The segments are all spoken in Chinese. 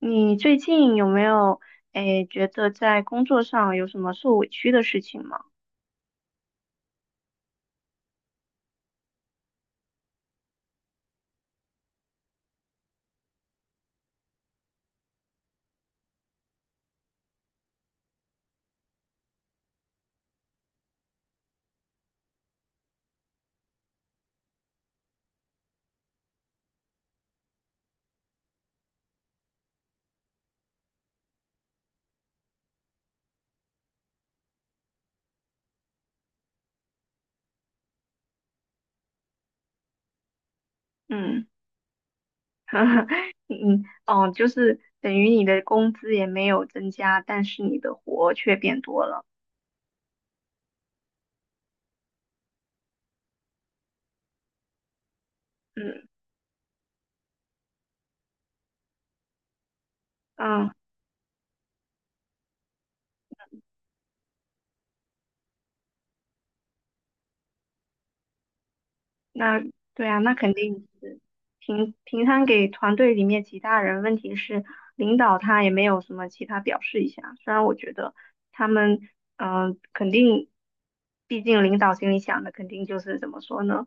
你最近有没有觉得在工作上有什么受委屈的事情吗？嗯。嗯，哦，就是等于你的工资也没有增加，但是你的活却变多了。嗯嗯，那对啊，那肯定是平摊给团队里面其他人。问题是领导他也没有什么其他表示一下，虽然我觉得他们肯定，毕竟领导心里想的肯定就是怎么说呢？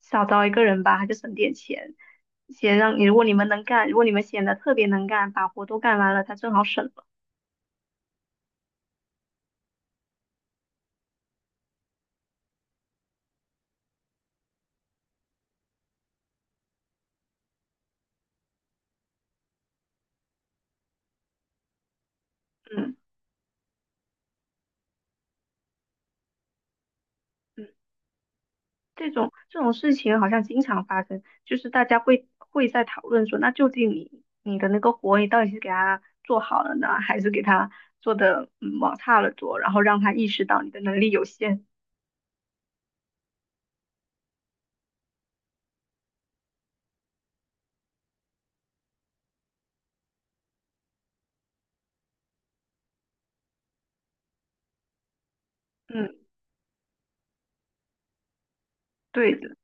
少招一个人吧，就省点钱。先让你，如果你们能干，如果你们显得特别能干，把活都干完了，他正好省了。嗯嗯，这种事情好像经常发生，就是大家会在讨论说，那究竟你的那个活，你到底是给他做好了呢，还是给他做的往差了做，然后让他意识到你的能力有限。嗯，对的，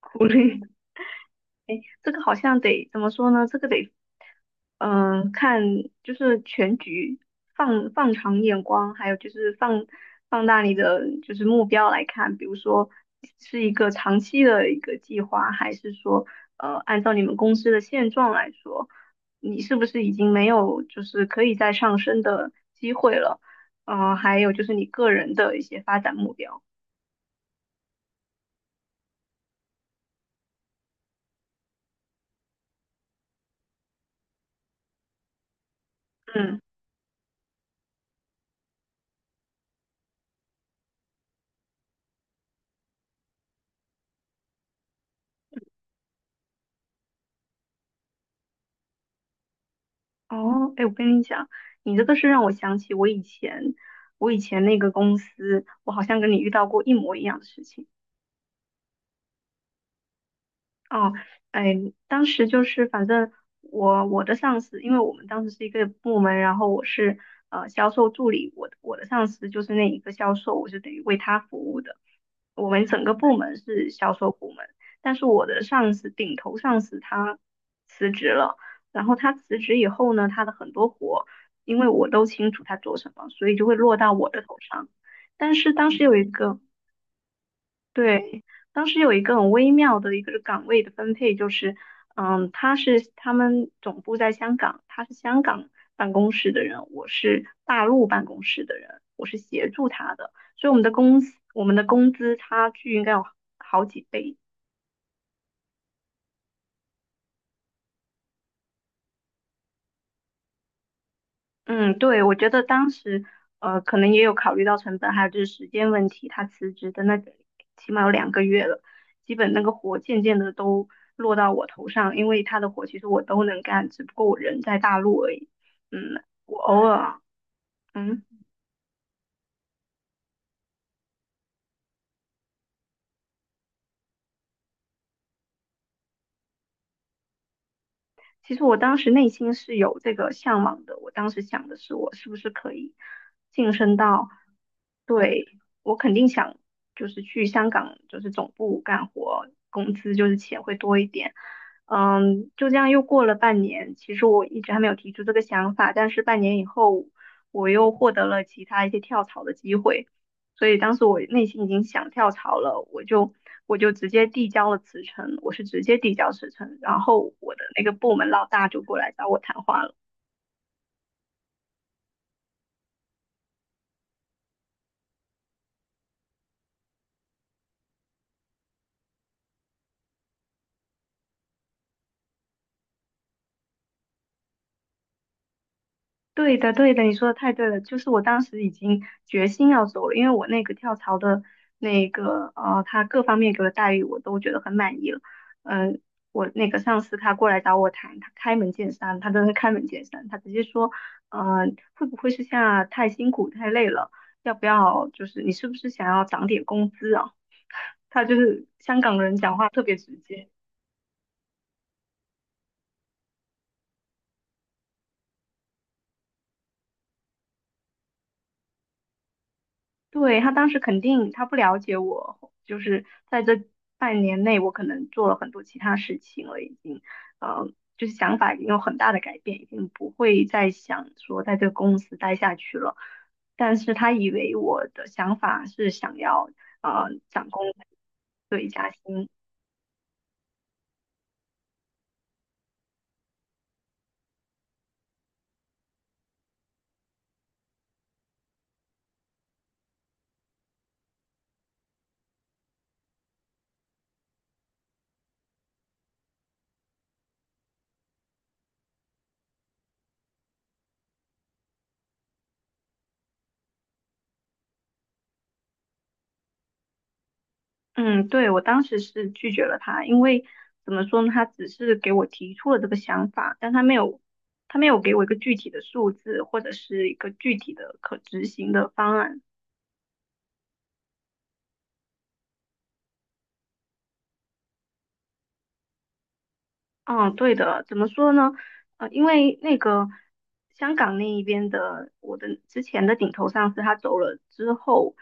鼓励。这个好像得怎么说呢？这个得，看就是全局，放长眼光，还有就是放大你的就是目标来看，比如说是一个长期的一个计划，还是说按照你们公司的现状来说，你是不是已经没有就是可以再上升的机会了？还有就是你个人的一些发展目标，嗯。哦，哎，我跟你讲，你这个是让我想起我以前，那个公司，我好像跟你遇到过一模一样的事情。哦，哎，当时就是反正我的上司，因为我们当时是一个部门，然后我是销售助理，我的上司就是那一个销售，我是等于为他服务的。我们整个部门是销售部门，但是我的上司顶头上司他辞职了，然后他辞职以后呢，他的很多活，因为我都清楚他做什么，所以就会落到我的头上。但是当时有一个对，当时有一个很微妙的一个岗位的分配，就是，他是他们总部在香港，他是香港办公室的人，我是大陆办公室的人，我是协助他的，所以我们的工资差距应该有好几倍。嗯，对，我觉得当时可能也有考虑到成本，还有就是时间问题。他辞职的那个起码有2个月了，基本那个活渐渐的都落到我头上，因为他的活其实我都能干，只不过我人在大陆而已。嗯，我偶尔，嗯。其实我当时内心是有这个向往的，我当时想的是我是不是可以晋升到，对，我肯定想就是去香港就是总部干活，工资就是钱会多一点。嗯，就这样又过了半年，其实我一直还没有提出这个想法，但是半年以后我又获得了其他一些跳槽的机会。所以当时我内心已经想跳槽了，我就直接递交了辞呈，我是直接递交辞呈，然后我的那个部门老大就过来找我谈话了。对的，对的，你说的太对了。就是我当时已经决心要走了，因为我那个跳槽的那个他各方面给我的待遇我都觉得很满意了。嗯、我那个上司他过来找我谈，他开门见山，他真的是开门见山，他直接说，呃，会不会是现在太辛苦太累了？要不要就是你是不是想要涨点工资啊？他就是香港人讲话特别直接。对，他当时肯定他不了解我，就是在这半年内，我可能做了很多其他事情了，已经，呃，就是想法已经有很大的改变，已经不会再想说在这个公司待下去了。但是他以为我的想法是想要涨工资，对，加薪。嗯，对，我当时是拒绝了他，因为怎么说呢，他只是给我提出了这个想法，但他没有，他没有给我一个具体的数字或者是一个具体的可执行的方案。嗯，对的，怎么说呢？因为那个香港那一边的我的之前的顶头上司他走了之后，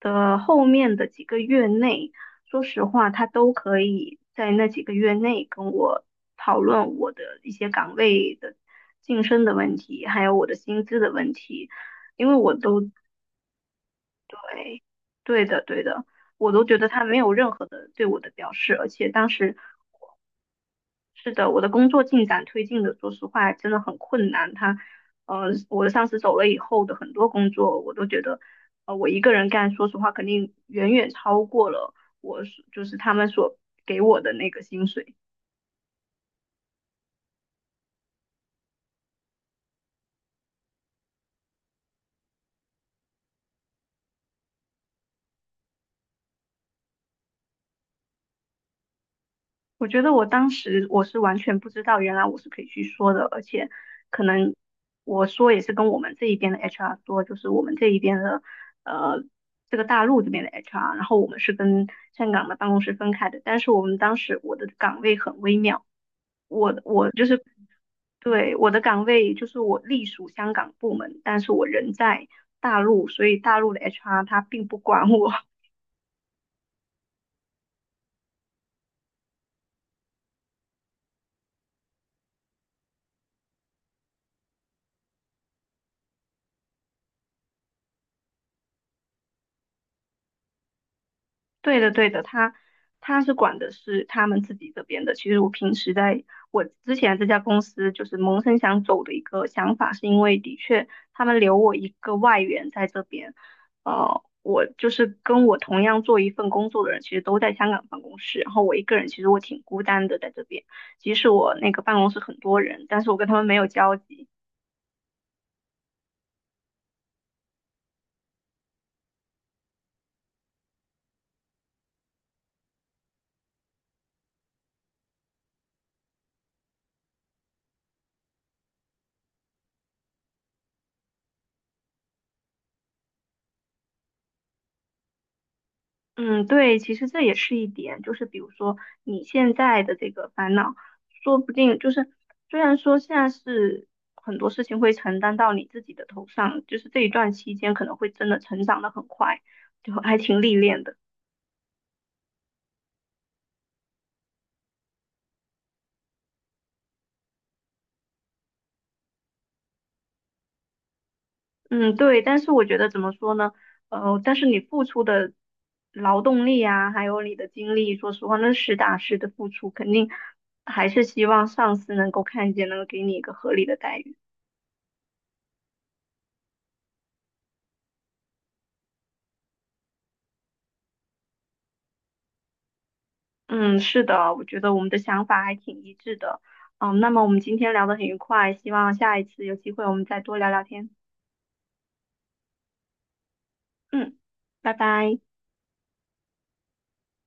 的后面的几个月内，说实话，他都可以在那几个月内跟我讨论我的一些岗位的晋升的问题，还有我的薪资的问题，因为我都，对，对的，对的，我都觉得他没有任何的对我的表示，而且当时是的，我的工作进展推进的，说实话真的很困难。我的上司走了以后的很多工作，我都觉得，我一个人干，说实话肯定远远超过了我所就是他们所给我的那个薪水。我觉得我当时是完全不知道，原来我是可以去说的，而且可能我说也是跟我们这一边的 HR 说，就是我们这一边的呃这个大陆这边的 HR，然后我们是跟香港的办公室分开的，但是我们当时我的岗位很微妙，我我就是对，我的岗位就是我隶属香港部门，但是我人在大陆，所以大陆的 HR 他并不管我，对的，对的，他是管的是他们自己这边的。其实我平时在我之前这家公司，就是萌生想走的一个想法，是因为的确他们留我一个外援在这边，我就是跟我同样做一份工作的人，其实都在香港办公室，然后我一个人其实挺孤单的在这边。即使我那个办公室很多人，但是我跟他们没有交集。嗯，对，其实这也是一点，就是比如说你现在的这个烦恼，说不定就是虽然说现在是很多事情会承担到你自己的头上，就是这一段期间可能会真的成长的很快，就还挺历练的。嗯，对，但是我觉得怎么说呢？但是你付出的劳动力啊，还有你的精力，说实话，那实打实的付出，肯定还是希望上司能够看见，能够给你一个合理的待遇。嗯，是的，我觉得我们的想法还挺一致的。嗯，那么我们今天聊得很愉快，希望下一次有机会我们再多聊聊天。嗯，拜拜。